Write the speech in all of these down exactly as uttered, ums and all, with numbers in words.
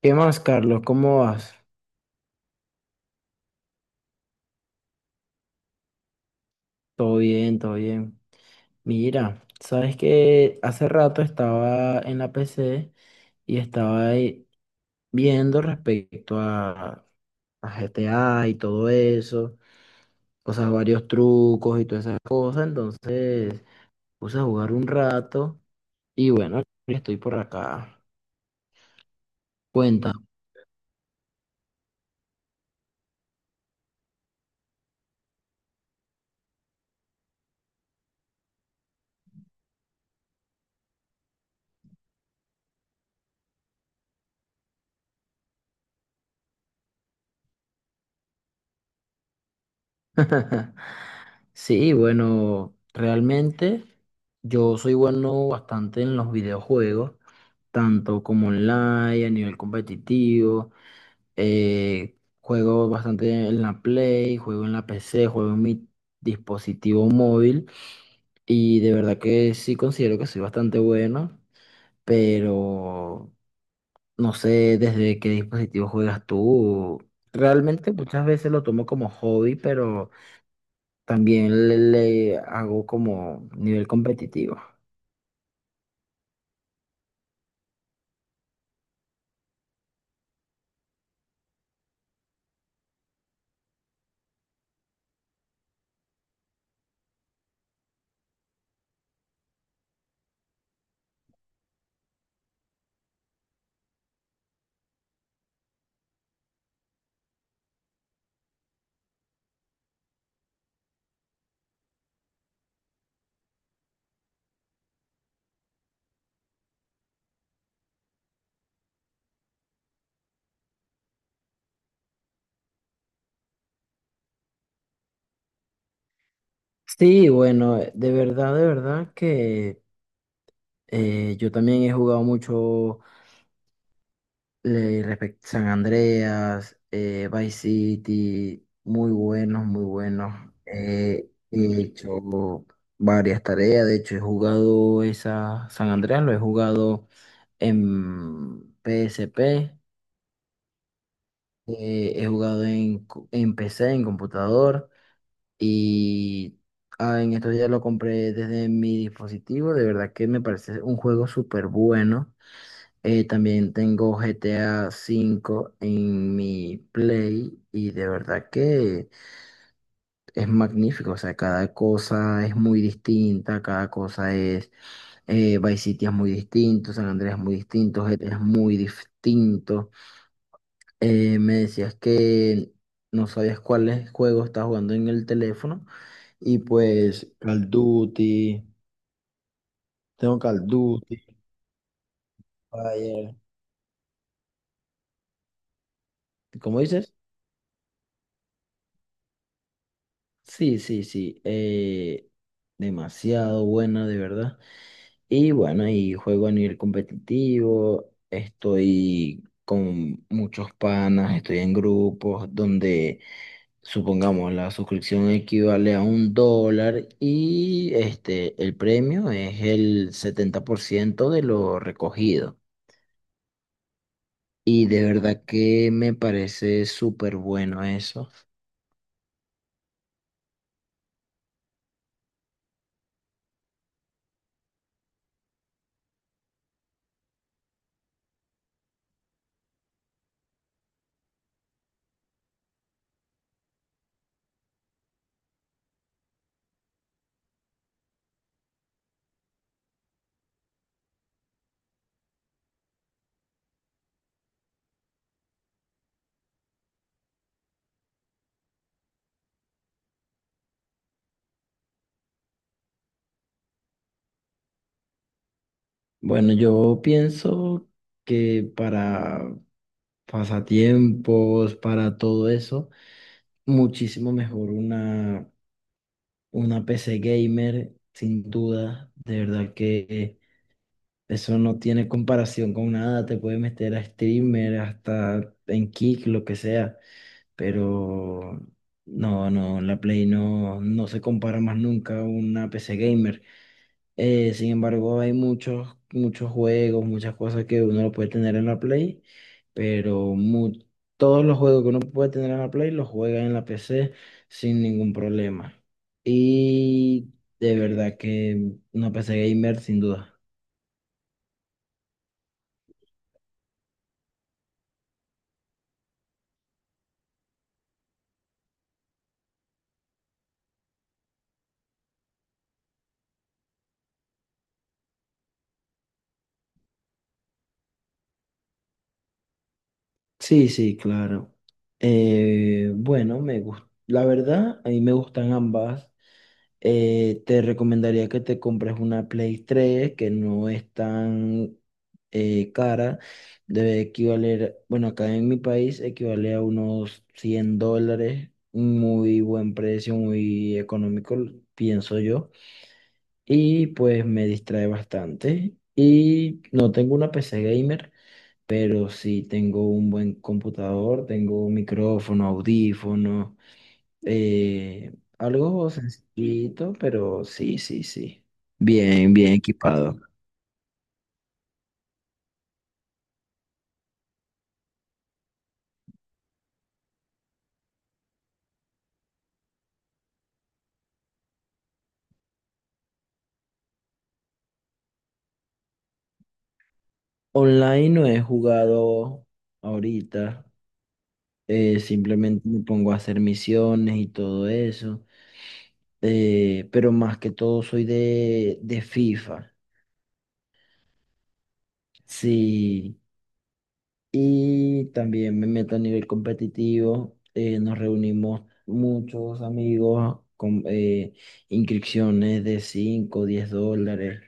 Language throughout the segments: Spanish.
¿Qué más, Carlos? ¿Cómo vas? Todo bien, todo bien. Mira, sabes que hace rato estaba en la P C y estaba ahí viendo respecto a, a G T A y todo eso, o sea, varios trucos y todas esas cosas. Entonces puse a jugar un rato y bueno, estoy por acá. Cuenta. Sí, bueno, realmente yo soy bueno bastante en los videojuegos, tanto como online, a nivel competitivo, eh, juego bastante en la Play, juego en la P C, juego en mi dispositivo móvil y de verdad que sí considero que soy bastante bueno, pero no sé desde qué dispositivo juegas tú. Realmente muchas veces lo tomo como hobby, pero también le, le hago como nivel competitivo. Sí, bueno, eh, de verdad, de verdad que eh, yo también he jugado mucho le- respect- San Andreas, eh, Vice City, muy buenos, muy buenos. Eh, he hecho varias tareas, de hecho he jugado esa San Andreas, lo he jugado en P S P, eh, he jugado en, co- en P C, en computador. Y ah, en esto ya lo compré desde mi dispositivo. De verdad que me parece un juego súper bueno. Eh, también tengo G T A cinco en mi Play y de verdad que es magnífico. O sea, cada cosa es muy distinta, cada cosa es... eh, Vice City es muy distinto, San Andreas es muy distinto, G T A es muy distinto. Eh, me decías que no sabías cuáles juegos estás jugando en el teléfono. Y pues Call Duty, tengo Call Duty, Fire. ¿Cómo dices? Sí, sí, sí. Eh, demasiado buena, de verdad. Y bueno, y juego a nivel competitivo. Estoy con muchos panas, estoy en grupos donde, supongamos, la suscripción equivale a un dólar y este, el premio es el setenta por ciento de lo recogido. Y de verdad que me parece súper bueno eso. Bueno, yo pienso que para pasatiempos, para todo eso, muchísimo mejor una, una P C gamer, sin duda. De verdad que eso no tiene comparación con nada. Te puedes meter a streamer, hasta en Kick, lo que sea. Pero no, no, la Play no, no se compara más nunca a una P C gamer. Eh, sin embargo, hay muchos, muchos juegos, muchas cosas que uno lo puede tener en la Play, pero mu- todos los juegos que uno puede tener en la Play los juega en la P C sin ningún problema. Y de verdad que una P C gamer sin duda. Sí, sí, claro. Eh, bueno, me gusta. La verdad, a mí me gustan ambas. Eh, te recomendaría que te compres una Play tres que no es tan eh, cara. Debe equivaler, bueno, acá en mi país equivale a unos cien dólares. Muy buen precio, muy económico, pienso yo. Y pues me distrae bastante. Y no tengo una P C gamer, pero sí tengo un buen computador, tengo un micrófono, audífonos. Eh, Algo sencillito, pero sí, sí, sí. Bien, bien equipado. Online no he jugado ahorita. Eh, simplemente me pongo a hacer misiones y todo eso. Eh, pero más que todo soy de, de FIFA. Sí. Y también me meto a nivel competitivo. Eh, nos reunimos muchos amigos con eh, inscripciones de cinco diez dólares.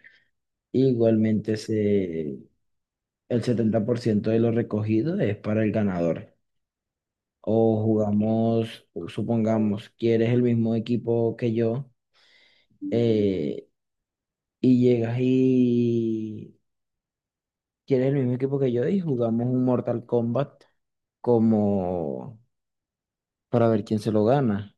Igualmente, se, el setenta por ciento de lo recogido es para el ganador. O jugamos, o supongamos, quieres el mismo equipo que yo eh, y llegas y quieres el mismo equipo que yo y jugamos un Mortal Kombat como para ver quién se lo gana.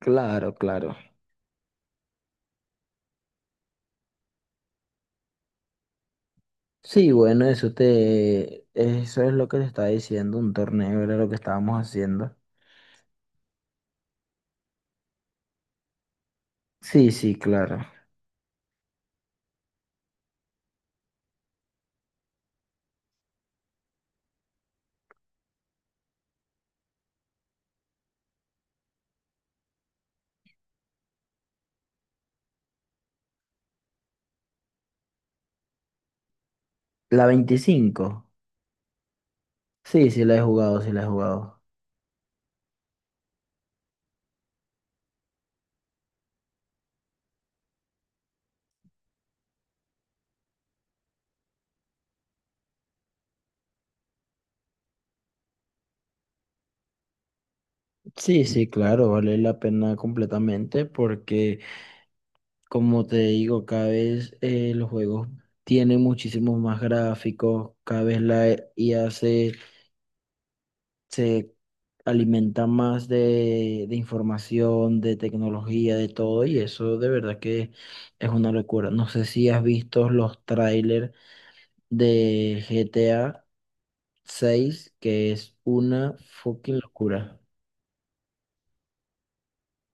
Claro, claro. Sí, bueno, eso te, eso es lo que te estaba diciendo, un torneo era lo que estábamos haciendo. Sí, sí, claro. La veinticinco. Sí, sí la he jugado, sí la he jugado. Sí, sí, claro, vale la pena completamente porque, como te digo, cada vez eh, los juegos tienen muchísimos más gráficos, cada vez la I A se, se alimenta más de, de información, de tecnología, de todo, y eso de verdad que es una locura. No sé si has visto los trailers de G T A seis que es una fucking locura.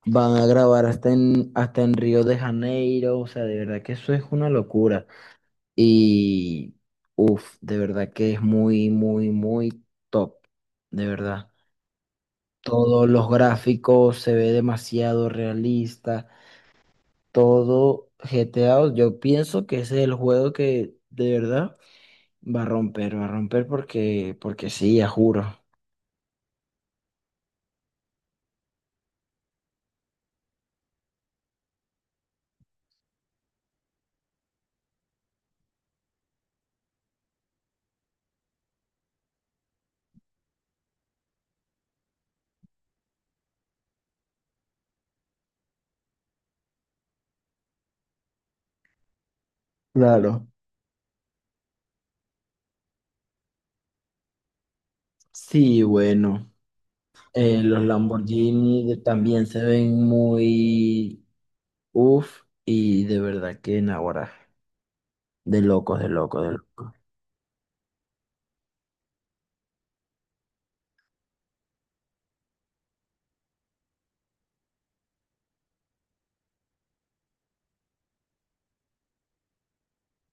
Van a grabar hasta en, hasta en Río de Janeiro, o sea, de verdad que eso es una locura. Y, uff, de verdad que es muy, muy, muy top, de verdad. Todos los gráficos se ve demasiado realista, todo G T A, yo pienso que ese es el juego que de verdad va a romper, va a romper porque, porque sí, ya juro. Claro. Sí, bueno, eh, los Lamborghini de- también se ven muy, uf, y de verdad que en ahora, de locos, de locos, de locos.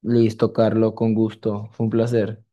Listo, Carlos, con gusto. Fue un placer.